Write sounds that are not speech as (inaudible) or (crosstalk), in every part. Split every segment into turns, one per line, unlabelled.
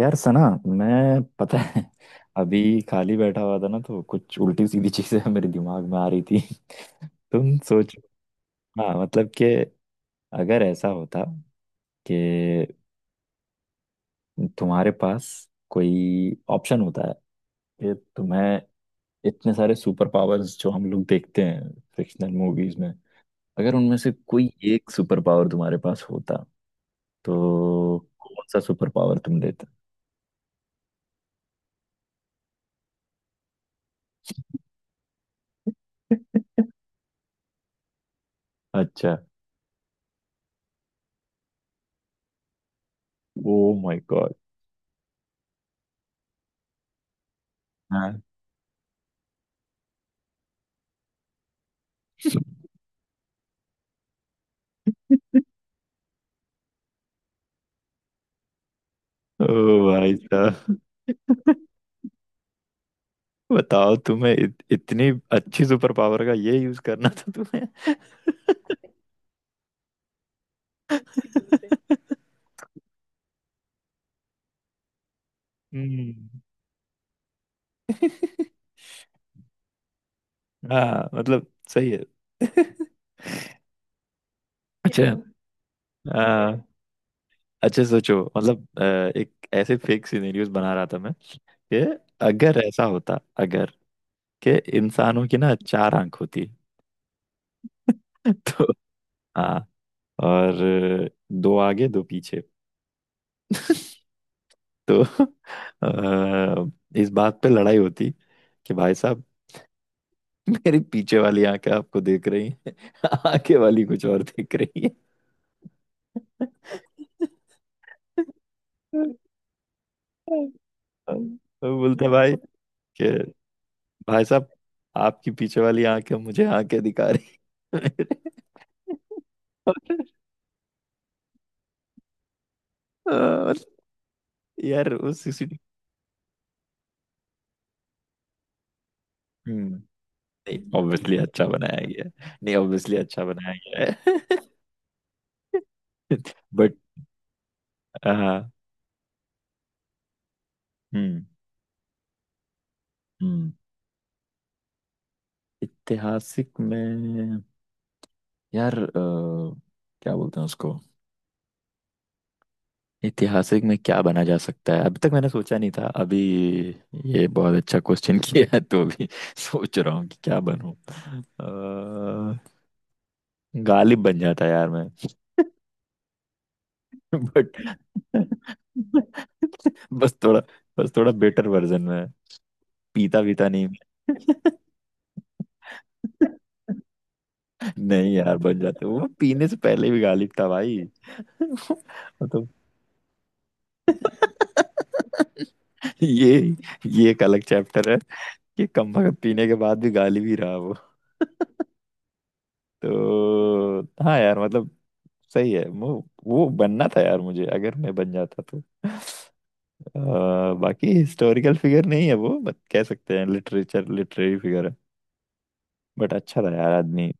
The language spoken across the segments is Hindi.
यार सना मैं पता है। अभी खाली बैठा हुआ था ना, तो कुछ उल्टी सीधी चीजें (laughs) मेरे दिमाग में आ रही थी। तुम सोचो। हाँ, मतलब कि अगर ऐसा होता कि तुम्हारे पास कोई ऑप्शन होता है कि तुम्हें इतने सारे सुपर पावर्स जो हम लोग देखते हैं फिक्शनल मूवीज में, अगर उनमें से कोई एक सुपर पावर तुम्हारे पास होता, तो कौन सा सुपर पावर तुम लेते। अच्छा। Oh my god. हाँ। ओ। भाई साहब, बताओ तुम्हें इतनी अच्छी सुपर पावर का ये यूज करना था तुम्हें। हम्म। हाँ मतलब सही है। अच्छा। हाँ। अच्छा सोचो, मतलब एक ऐसे फेक सिनेरियोस बना रहा था मैं कि अगर ऐसा होता, अगर कि इंसानों की ना चार आंख होती (laughs) तो। हाँ, और दो आगे दो पीछे। तो (laughs) अ, इस बात पे लड़ाई होती कि भाई साहब, मेरी पीछे वाली आंखें आपको देख रही हैं (laughs) आगे वाली कुछ और देख रही है। वो बोलते, भाई कि भाई साहब, आपकी पीछे वाली आंखें मुझे आंखें दिखा रही। और, और यार, वो सीसीटीवी। हम्म। नहीं, ऑब्वियसली अच्छा बनाया गया है। नहीं ऑब्वियसली अच्छा बनाया गया है। (laughs) बट हाँ। हम्म। हम्म। ऐतिहासिक में, यार क्या बोलते हैं उसको। ऐतिहासिक में क्या बना जा सकता है, अभी तक मैंने सोचा नहीं था। अभी ये बहुत अच्छा क्वेश्चन (laughs) किया है, तो अभी सोच रहा हूँ कि क्या बनूं। अ, गालिब बन जाता यार मैं। (laughs) बट बस थोड़ा बस थोड़ा बेटर वर्जन में, पीता वीता नहीं। (laughs) नहीं यार, बन जाते। वो पीने से पहले भी गालिब था भाई। (laughs) मतलब ये ये एक अलग चैप्टर है कि कम वक्त पीने के बाद भी गालिब ही रहा वो। तो हाँ यार, मतलब सही है। वो बनना था यार मुझे, अगर मैं बन जाता तो। बाकी हिस्टोरिकल फिगर नहीं है वो, बट कह सकते हैं लिटरेचर, लिटरेरी फिगर है। बट अच्छा था यार आदमी,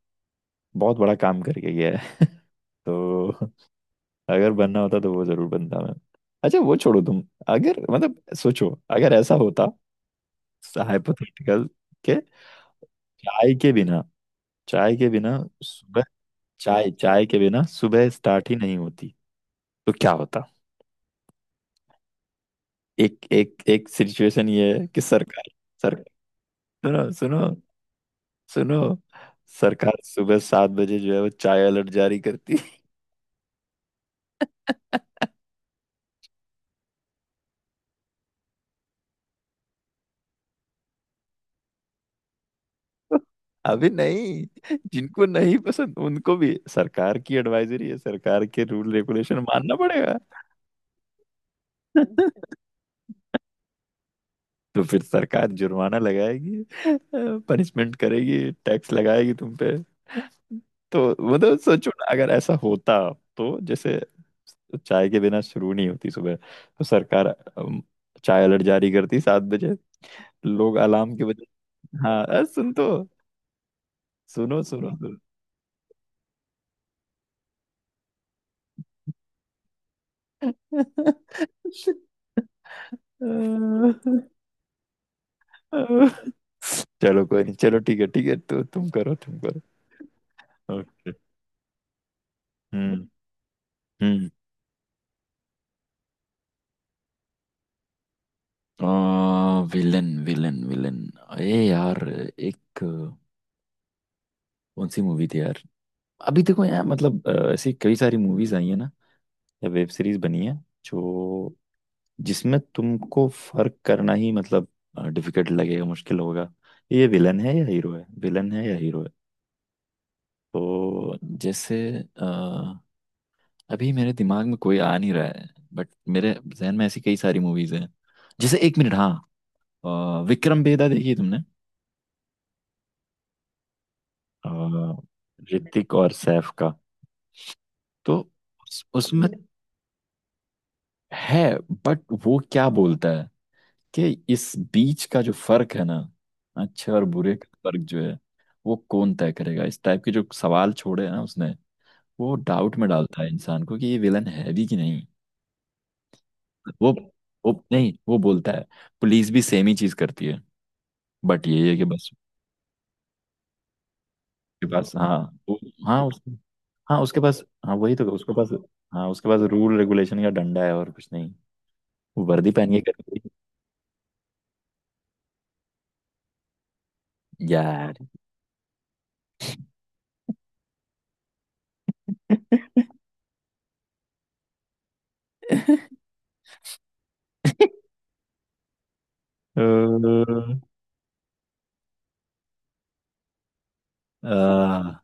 बहुत बड़ा काम करके गया है। (laughs) तो अगर बनना होता तो वो जरूर बनता मैं। अच्छा वो छोड़ो तुम। अगर मतलब सोचो, अगर ऐसा होता हाइपोथेटिकल के चाय के बिना। चाय के बिना सुबह। चाय, चाय के बिना सुबह स्टार्ट ही नहीं होती तो क्या होता। एक एक एक सिचुएशन ये है कि सरकार। सर, सुनो सुनो सुनो, सरकार सुबह सात बजे जो है वो चाय अलर्ट जारी करती है। (laughs) अभी नहीं, जिनको नहीं पसंद उनको भी सरकार की एडवाइजरी है, सरकार के रूल रेगुलेशन मानना पड़ेगा। (laughs) तो फिर सरकार जुर्माना लगाएगी, पनिशमेंट करेगी, टैक्स लगाएगी तुम पे। तो मतलब सोचो ना, अगर ऐसा होता तो जैसे चाय के बिना शुरू नहीं होती सुबह तो सरकार चाय अलर्ट जारी करती सात बजे, लोग अलार्म की वजह। हाँ अरे सुन तो, सुनो सुनो सुनो। (laughs) चलो कोई नहीं, चलो ठीक है ठीक है, तो तुम करो तुम करो। ओके। हम्म। हम्म। Villain villain villain. ए यार, एक कौन सी मूवी थी यार। अभी देखो यार मतलब ऐसी कई सारी मूवीज आई है ना, या वेब सीरीज बनी है, जो जिसमें तुमको फर्क करना ही, मतलब डिफिकल्ट लगेगा, मुश्किल होगा, ये विलन है या हीरो है, विलन है या हीरो है। तो जैसे अ, अभी मेरे दिमाग में कोई आ नहीं रहा है, बट मेरे जहन में ऐसी कई सारी मूवीज हैं। जैसे एक मिनट, हाँ विक्रम बेदा देखी है तुमने। अ, ऋतिक और सैफ का। तो उसमें है, बट वो क्या बोलता है कि इस बीच का जो फर्क है ना, अच्छे और बुरे का फर्क जो है, वो कौन तय करेगा। इस टाइप के जो सवाल छोड़े हैं ना उसने, वो डाउट में डालता है इंसान को कि ये विलन है भी कि नहीं। वो वो नहीं, वो बोलता है पुलिस भी सेम ही चीज करती है, बट ये है कि बस उसके पास, हाँ। वो, हाँ उस, हाँ उसके पास हाँ वही तो उसके पास, हाँ उसके पास रूल रेगुलेशन का डंडा है और कुछ नहीं। वो वर्दी पहन के करती है। यार। (laughs) अ, आ,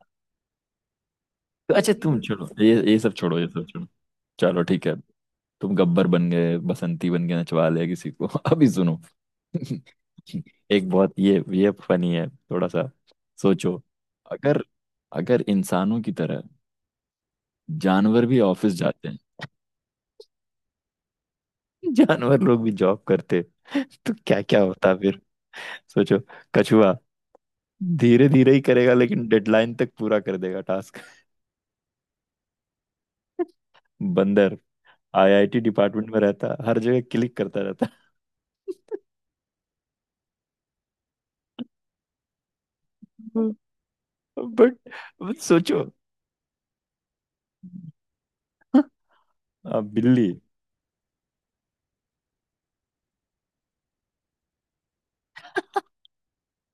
तो अच्छा तुम छोड़ो, ये सब छोड़ो, ये सब छोड़ो। चलो ठीक है। तुम गब्बर बन गए, बसंती बन गए, नचवा लिया किसी को। (laughs) अभी सुनो। (laughs) एक बहुत ये फनी है थोड़ा सा। सोचो अगर, अगर इंसानों की तरह जानवर भी ऑफिस जाते हैं। (laughs) जानवर लोग भी जॉब करते तो क्या क्या होता फिर। सोचो, कछुआ धीरे धीरे ही करेगा लेकिन डेडलाइन तक पूरा कर देगा टास्क। बंदर आईआईटी डिपार्टमेंट में रहता, हर जगह क्लिक करता रहता। (laughs) बट बट सोचो, अब बिल्ली।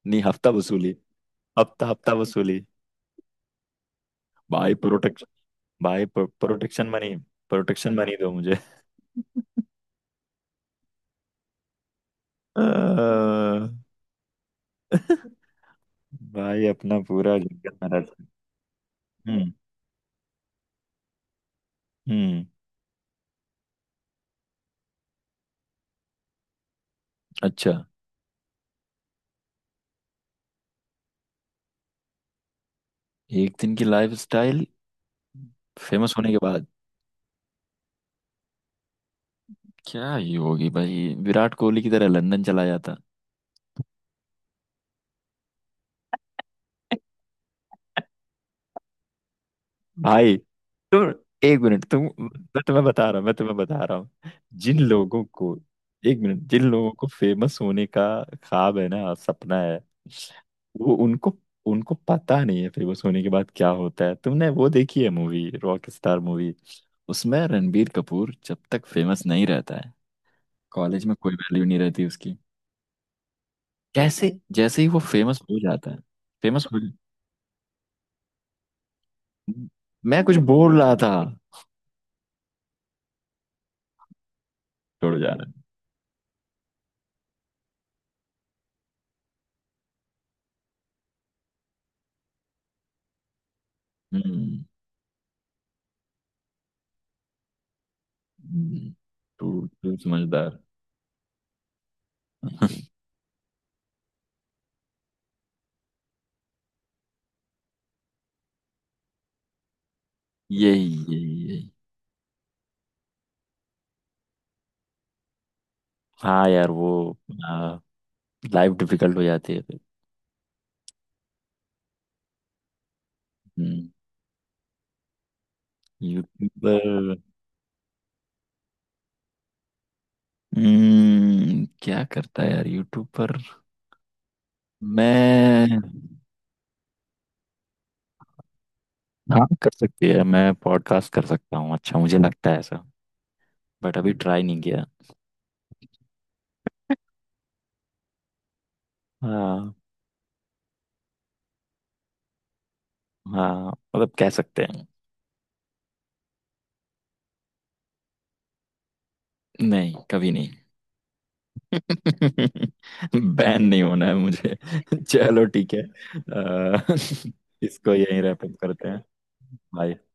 नहीं, हफ्ता वसूली। हफ्ता हफ्ता वसूली। भाई प्रोटेक्शन, भाई प्रोटेक्शन मनी। प्रोटेक्शन मनी दो मुझे। (laughs) आ, भाई अपना पूरा जंगल में रख। हम्म। हम्म। अच्छा। एक दिन की लाइफ स्टाइल फेमस होने के बाद क्या ही होगी भाई, विराट कोहली की तरह लंदन चला जाता। भाई तुम, एक मिनट तुम, मैं तुम्हें बता रहा हूँ, मैं तुम्हें बता रहा हूँ जिन लोगों को, एक मिनट जिन लोगों को फेमस होने का ख्वाब है ना, सपना है, वो उनको उनको पता नहीं है फेमस होने के बाद क्या होता है। तुमने वो देखी है मूवी, रॉक स्टार मूवी। उसमें रणबीर कपूर जब तक फेमस नहीं रहता है, कॉलेज में कोई वैल्यू नहीं रहती उसकी। कैसे जैसे ही वो फेमस हो जाता है। फेमस हो, मैं कुछ बोल रहा था। छोड़ो जाना। हम्म। हम्म, तू तू समझदार। (laughs) यही यही यही। हाँ यार, वो लाइफ डिफिकल्ट हो जाती है फिर। हम्म। यूट्यूब पर। हम्म, क्या करता है यार यूट्यूब पर मैं। हाँ कर सकती है, मैं पॉडकास्ट कर सकता हूँ, अच्छा मुझे लगता है ऐसा, बट अभी ट्राई नहीं किया। हाँ। हाँ मतलब कह सकते हैं। नहीं कभी नहीं। (laughs) बैन नहीं होना है मुझे। चलो ठीक है (laughs) इसको यहीं रैप अप करते हैं भाई।